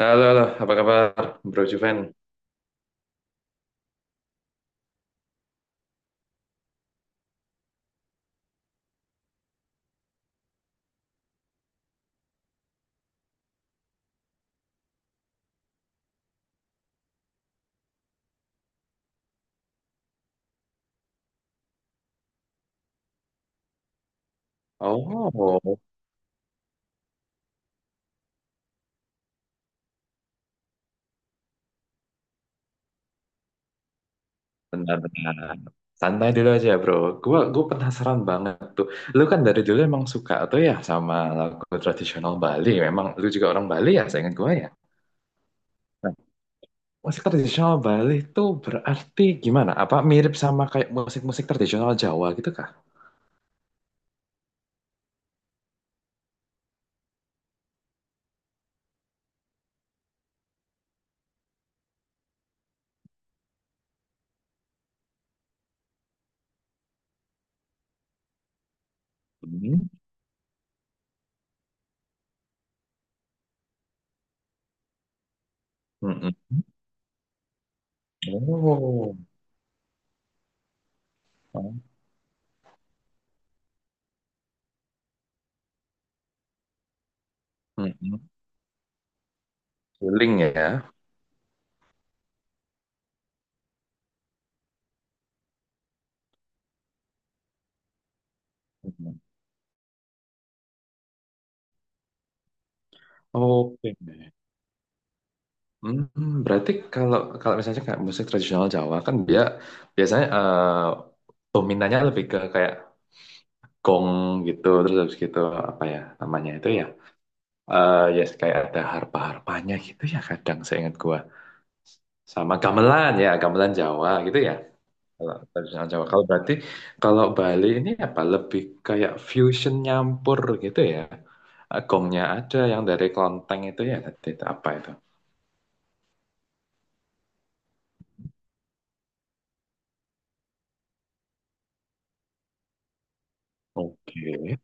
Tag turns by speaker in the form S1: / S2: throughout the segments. S1: Halo, halo, apa kabar, Bro Juven? Oh, benar-benar. Santai dulu aja, Bro. Gua penasaran banget tuh. Lu kan dari dulu emang suka tuh ya sama lagu tradisional Bali. Memang lu juga orang Bali ya, saya ingat gua ya. Nah, musik tradisional Bali tuh berarti gimana? Apa mirip sama kayak musik-musik tradisional Jawa gitu kah? Hmm. Mm-mm. Oh. Hmm. Mm-mm. Suling ya. Mm-mm. Oke. Hmm, berarti kalau kalau misalnya kayak musik tradisional Jawa kan dia biasanya dominannya lebih ke kayak gong gitu, terus habis gitu apa ya namanya itu ya, ya kayak ada harpa-harpanya gitu ya, kadang saya ingat gua sama gamelan ya, gamelan Jawa gitu ya, kalau tradisional Jawa, kalau berarti kalau Bali ini apa lebih kayak fusion nyampur gitu ya. Gongnya ada yang dari klonteng itu ya, tadi itu apa itu? Oke.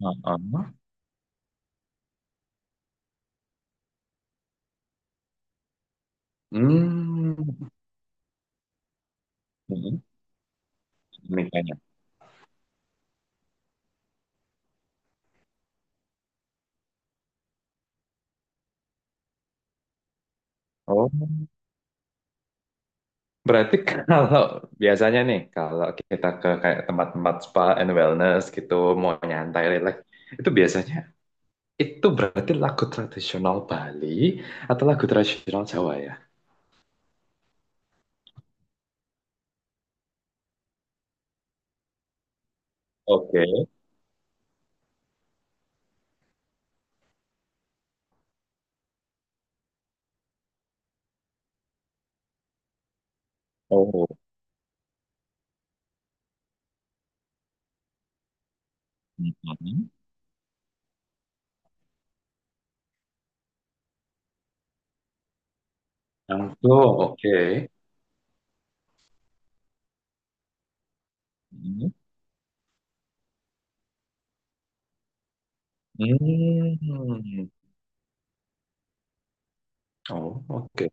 S1: Hmm. Hmm. Hmm. Nikahnya. Oh, berarti kalau biasanya nih, kalau kita ke kayak tempat-tempat spa and wellness gitu, mau nyantai, relax, itu biasanya itu berarti lagu tradisional Bali atau lagu tradisional Jawa ya? Oke. Oh. Hmm. Oh, oke. Hmm. Hmm. Oh, oke.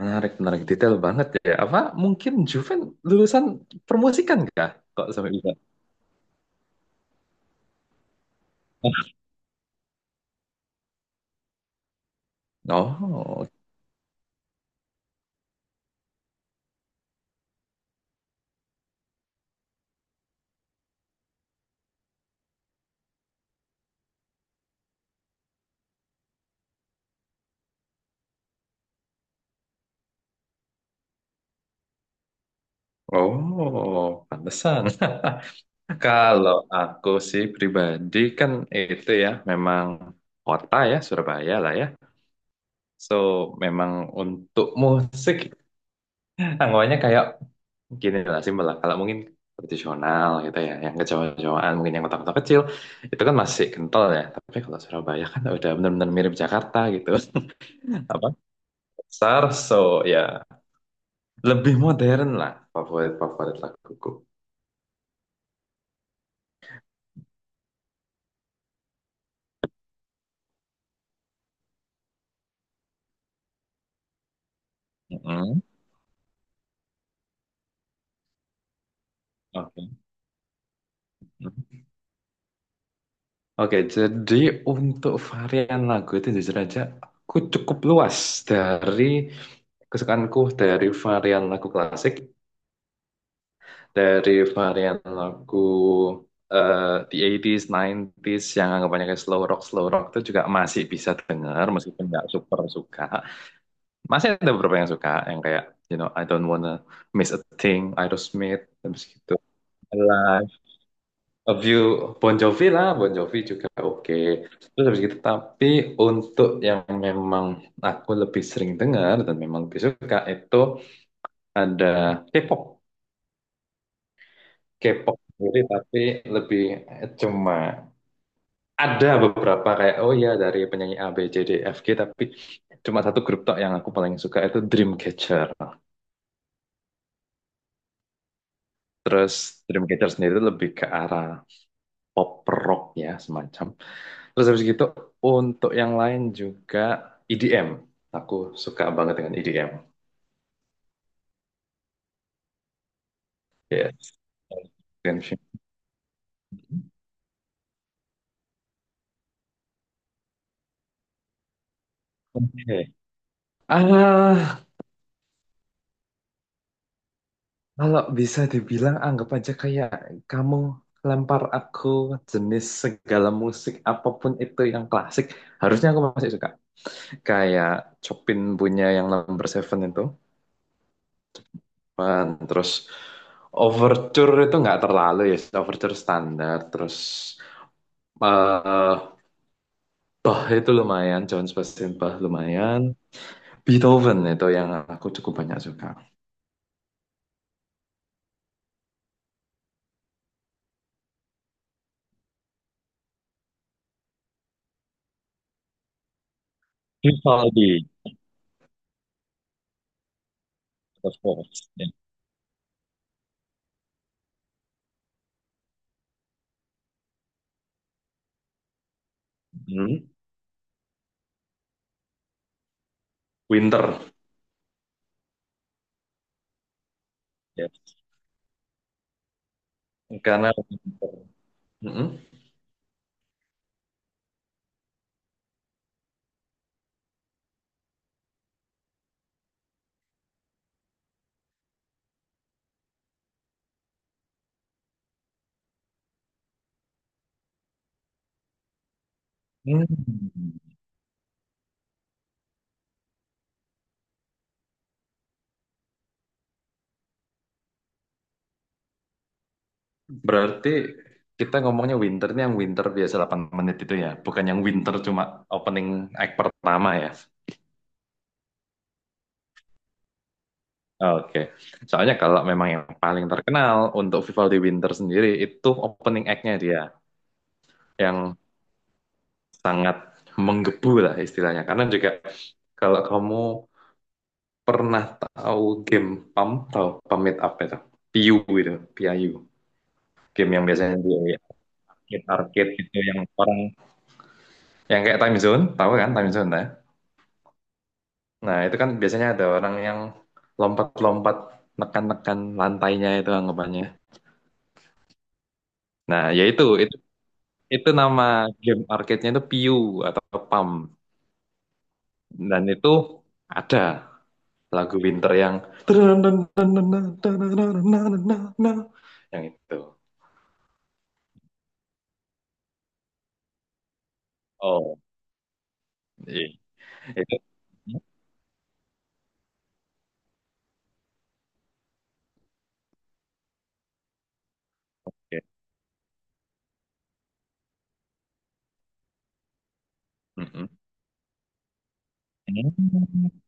S1: Menarik, menarik. Detail banget ya. Apa mungkin Juven lulusan permusikan kah? Kok sampai bisa? Oh, oh, pantesan. Kalau aku sih pribadi kan itu ya memang kota ya Surabaya lah ya. So memang untuk musik anggapannya kayak gini lah, simpel lah. Kalau mungkin tradisional gitu ya, yang kejauhan-jauhan mungkin yang kota-kota kecil itu kan masih kental ya. Tapi kalau Surabaya kan udah benar-benar mirip Jakarta gitu. Apa? Besar, so ya lebih modern lah favorit-favorit laguku. Mm-mm. Oke. Oke, jadi untuk varian lagu itu jujur aja aku cukup luas dari kesukaanku, dari varian lagu klasik, dari varian lagu the 80s, 90s yang anggapannya kayak slow rock itu juga masih bisa denger meskipun nggak super suka. Masih ada beberapa yang suka yang kayak you know I don't wanna miss a thing, Aerosmith, habis gitu. A View Bon Jovi lah, Bon Jovi juga oke. Terus habis gitu, tapi untuk yang memang aku lebih sering dengar dan memang lebih suka itu ada K-pop. K-pop sendiri tapi lebih cuma ada beberapa kayak oh ya dari penyanyi A, B, C, D, E, F, G tapi cuma satu grup tok yang aku paling suka itu Dreamcatcher. Terus Dreamcatcher sendiri itu lebih ke arah pop rock ya semacam. Terus habis gitu untuk yang lain juga EDM. Aku suka banget dengan EDM. Yes. Dance. Oke. Ah, kalau bisa dibilang anggap aja kayak kamu lempar aku jenis segala musik apapun itu yang klasik, harusnya aku masih suka. Kayak Chopin punya yang number seven itu, Pan. Terus Overture itu nggak terlalu ya, Overture standar, terus eh Bach itu lumayan, John Sebastian Bach lumayan. Beethoven itu yang aku cukup banyak suka. Vivaldi, of course. Yeah. Hmm. Winter. Yes. Karena winter. Mm-mm. Hmm. Berarti kita ngomongnya winter ini yang winter biasa 8 menit itu ya, bukan yang winter cuma opening act pertama ya. Oke, soalnya kalau memang yang paling terkenal untuk Vivaldi Winter sendiri itu opening act-nya dia, yang sangat menggebu lah istilahnya. Karena juga kalau kamu pernah tahu game PAM, tahu pamit apa itu? Piu itu, PIU. Game yang biasanya di arcade-arcade gitu yang orang yang kayak time zone, tahu kan time zone ya? Nah, itu kan biasanya ada orang yang lompat-lompat nekan-nekan lantainya itu anggapannya. Nah, ya itu nama game arcade-nya itu piu atau PAM, dan itu ada lagu winter yang itu. Oh, iya. Itu. Iya. Mm-mm. Hmm.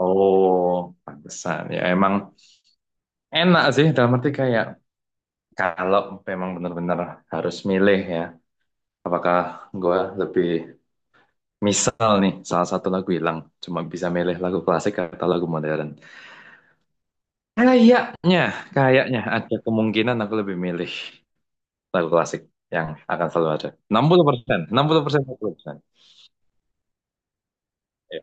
S1: Oh, pantesan ya, emang enak sih dalam arti kayak kalau memang benar-benar harus milih ya, apakah gue lebih, misal nih salah satu lagu hilang cuma bisa milih lagu klasik atau lagu modern, kayaknya kayaknya ada kemungkinan aku lebih milih lagu klasik yang akan selalu ada. Enam enam puluh puluh persen, 60%, 60%. Ya,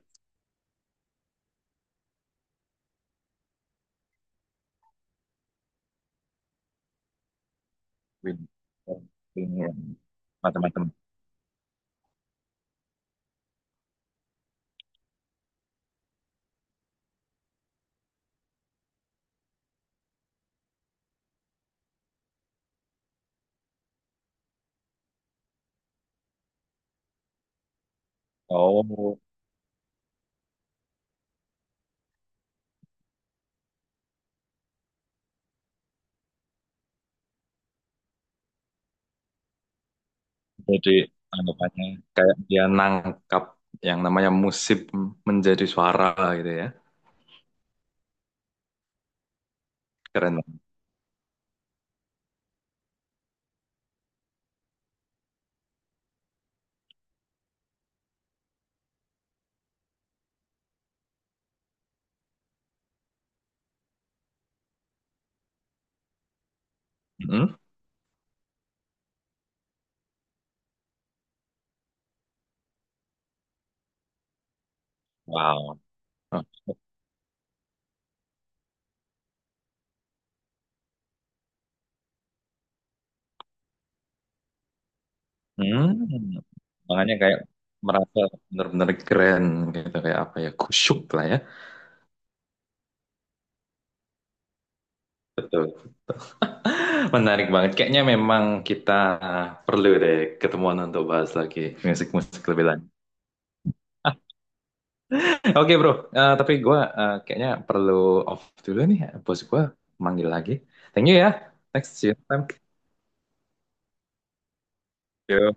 S1: win. Win, win. Macam-macam. Oh, jadi anggapannya kayak dia nangkap yang namanya musik menjadi suara gitu ya. Keren. Hmm? Wow. Hmm. Makanya kayak merasa benar-benar keren gitu, kayak apa ya, kusyuk lah ya. Betul, menarik banget, kayaknya memang kita perlu deh ketemuan untuk bahas lagi musik-musik lebih lanjut. Oke bro, tapi gue kayaknya perlu off dulu nih. Bos gue manggil lagi. Thank you ya. Next see you next time. Yo.